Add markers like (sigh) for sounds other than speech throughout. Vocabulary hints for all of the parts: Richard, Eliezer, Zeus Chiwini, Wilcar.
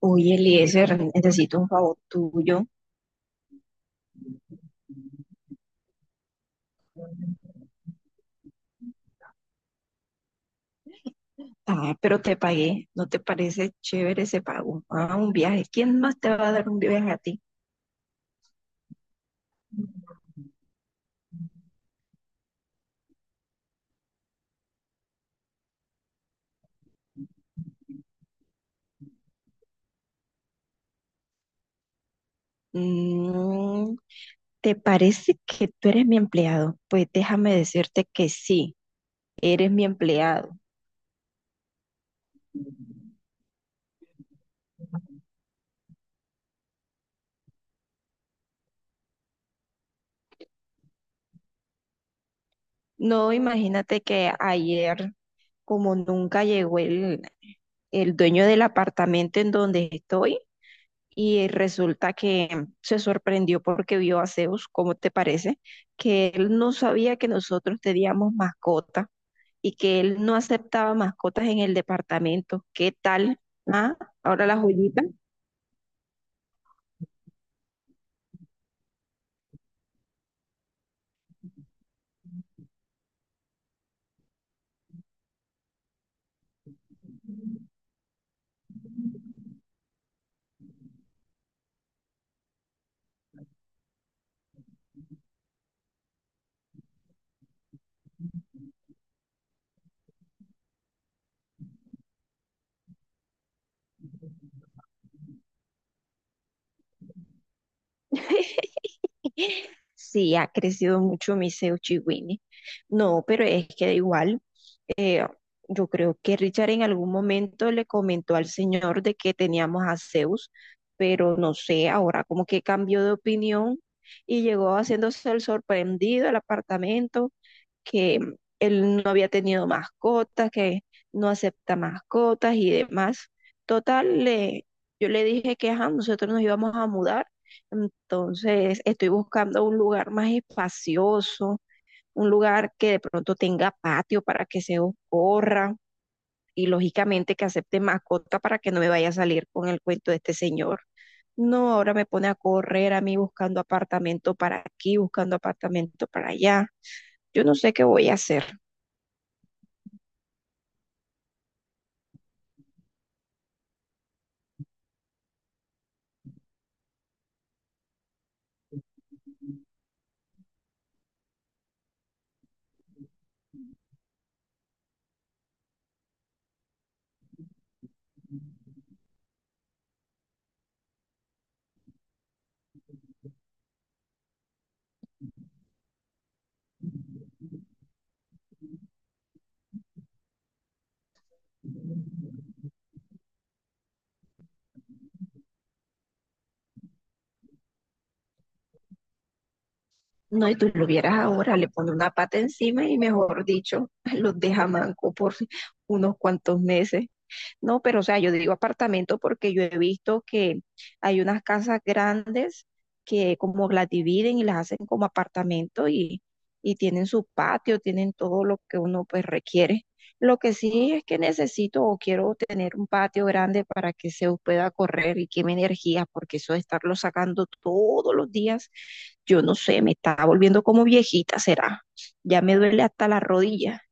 Oye, Eliezer, necesito un favor tuyo. Ah, pero te pagué. ¿No te parece chévere ese pago? Ah, un viaje. ¿Quién más te va a dar un viaje a ti? Mm, ¿Te parece que tú eres mi empleado? Pues déjame decirte que sí, eres mi empleado. No, imagínate que ayer, como nunca llegó el dueño del apartamento en donde estoy, y resulta que se sorprendió porque vio a Zeus, ¿cómo te parece? Que él no sabía que nosotros teníamos mascotas y que él no aceptaba mascotas en el departamento. ¿Qué tal? Ah, ahora la joyita. (laughs) Sí, ha crecido mucho mi Zeus Chiwini. No, pero es que da igual. Yo creo que Richard en algún momento le comentó al señor de que teníamos a Zeus, pero no sé, ahora como que cambió de opinión y llegó haciéndose el sorprendido al apartamento, que él no había tenido mascotas, que no acepta mascotas y demás. Total, le, yo le dije que ajá, nosotros nos íbamos a mudar, entonces estoy buscando un lugar más espacioso, un lugar que de pronto tenga patio para que Zeus corra y lógicamente que acepte mascota para que no me vaya a salir con el cuento de este señor. No, ahora me pone a correr a mí buscando apartamento para aquí, buscando apartamento para allá. Yo no sé qué voy a hacer. No, y tú lo vieras ahora, le pone una pata encima y mejor dicho, (laughs) los deja manco por unos cuantos meses. No, pero o sea, yo digo apartamento porque yo he visto que hay unas casas grandes que como las dividen y las hacen como apartamento y tienen su patio, tienen todo lo que uno pues requiere. Lo que sí es que necesito o quiero tener un patio grande para que se pueda correr y queme energía, porque eso de estarlo sacando todos los días, yo no sé, me está volviendo como viejita, será. Ya me duele hasta la rodilla.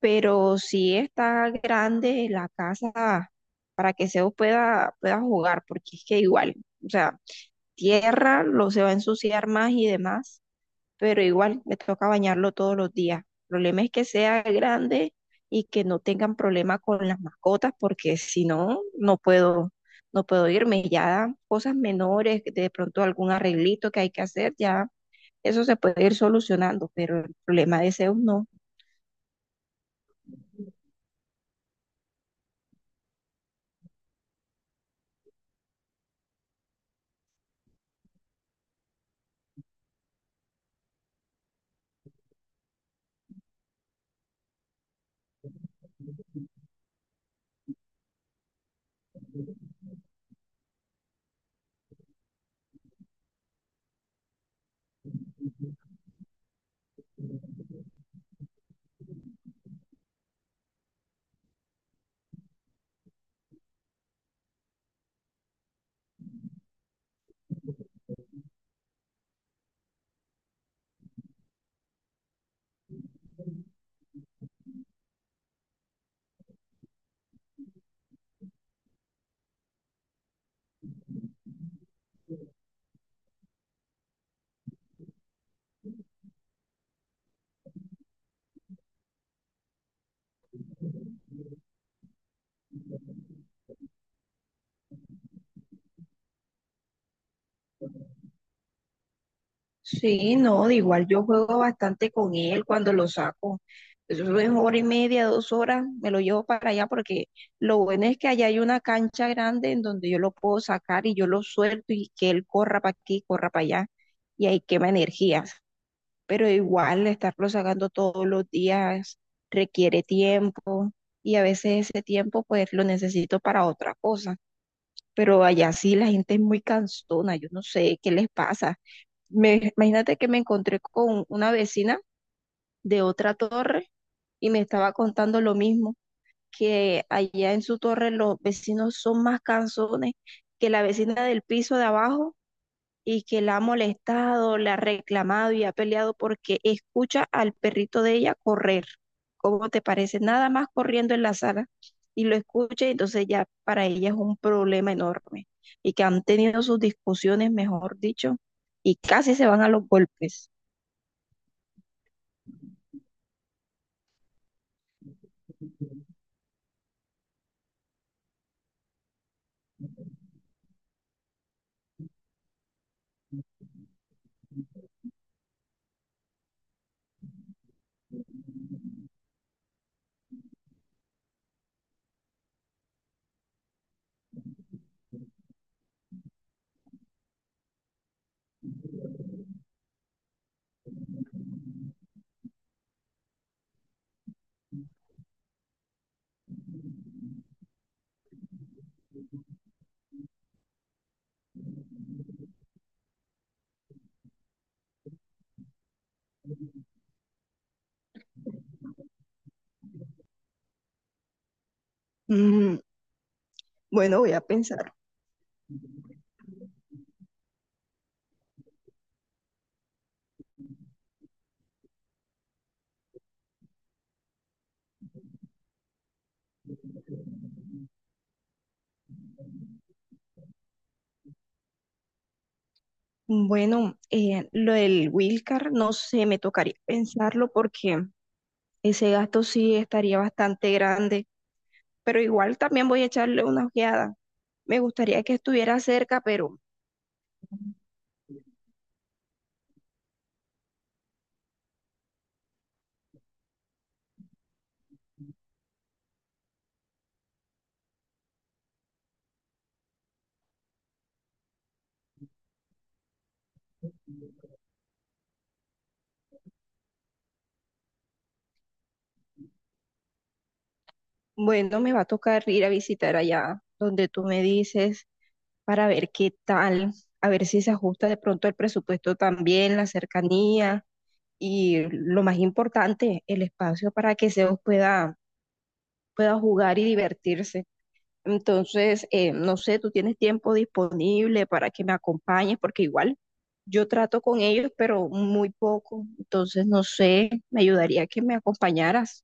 Pero sí está grande la casa para que Zeus pueda, pueda jugar, porque es que igual, o sea, tierra lo se va a ensuciar más y demás, pero igual le toca bañarlo todos los días. El problema es que sea grande y que no tengan problema con las mascotas, porque si no, no puedo, no puedo irme. Ya dan cosas menores, de pronto algún arreglito que hay que hacer, ya eso se puede ir solucionando, pero el problema de Zeus no. Sí, no, de igual yo juego bastante con él cuando lo saco. Eso es hora y media, dos horas, me lo llevo para allá porque lo bueno es que allá hay una cancha grande en donde yo lo puedo sacar y yo lo suelto y que él corra para aquí, corra para allá y ahí quema energías. Pero igual estarlo sacando todos los días requiere tiempo y a veces ese tiempo pues lo necesito para otra cosa. Pero allá sí la gente es muy cansona, yo no sé qué les pasa me, imagínate que me encontré con una vecina de otra torre y me estaba contando lo mismo, que allá en su torre los vecinos son más cansones que la vecina del piso de abajo y que la ha molestado, la ha reclamado y ha peleado porque escucha al perrito de ella correr. ¿Cómo te parece? Nada más corriendo en la sala y lo escucha y entonces ya para ella es un problema enorme y que han tenido sus discusiones, mejor dicho, y casi se van a los golpes. Mm, bueno, voy a pensar. Bueno, lo del Wilcar, no sé, me tocaría pensarlo porque ese gasto sí estaría bastante grande, pero igual también voy a echarle una ojeada. Me gustaría que estuviera cerca, pero bueno, me va a tocar ir a visitar allá donde tú me dices para ver qué tal, a ver si se ajusta de pronto el presupuesto también, la cercanía y lo más importante, el espacio para que Zeus pueda, pueda jugar y divertirse. Entonces, no sé, tú tienes tiempo disponible para que me acompañes, porque igual yo trato con ellos, pero muy poco. Entonces, no sé, me ayudaría que me acompañaras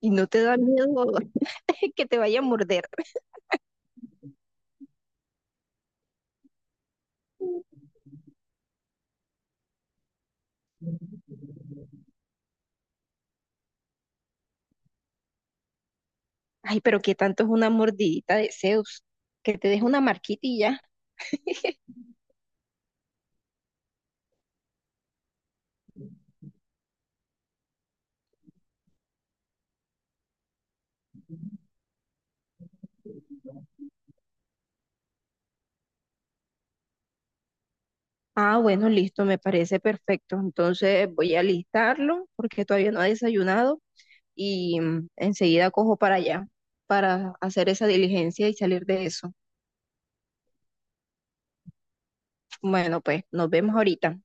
y no te da miedo (laughs) que te vaya a morder. Ay, pero qué tanto es una mordidita de Zeus, que te deje una marquita y ya. Ah, bueno, listo, me parece perfecto. Entonces voy a listarlo porque todavía no ha desayunado y mm, enseguida cojo para allá para hacer esa diligencia y salir de eso. Bueno, pues nos vemos ahorita.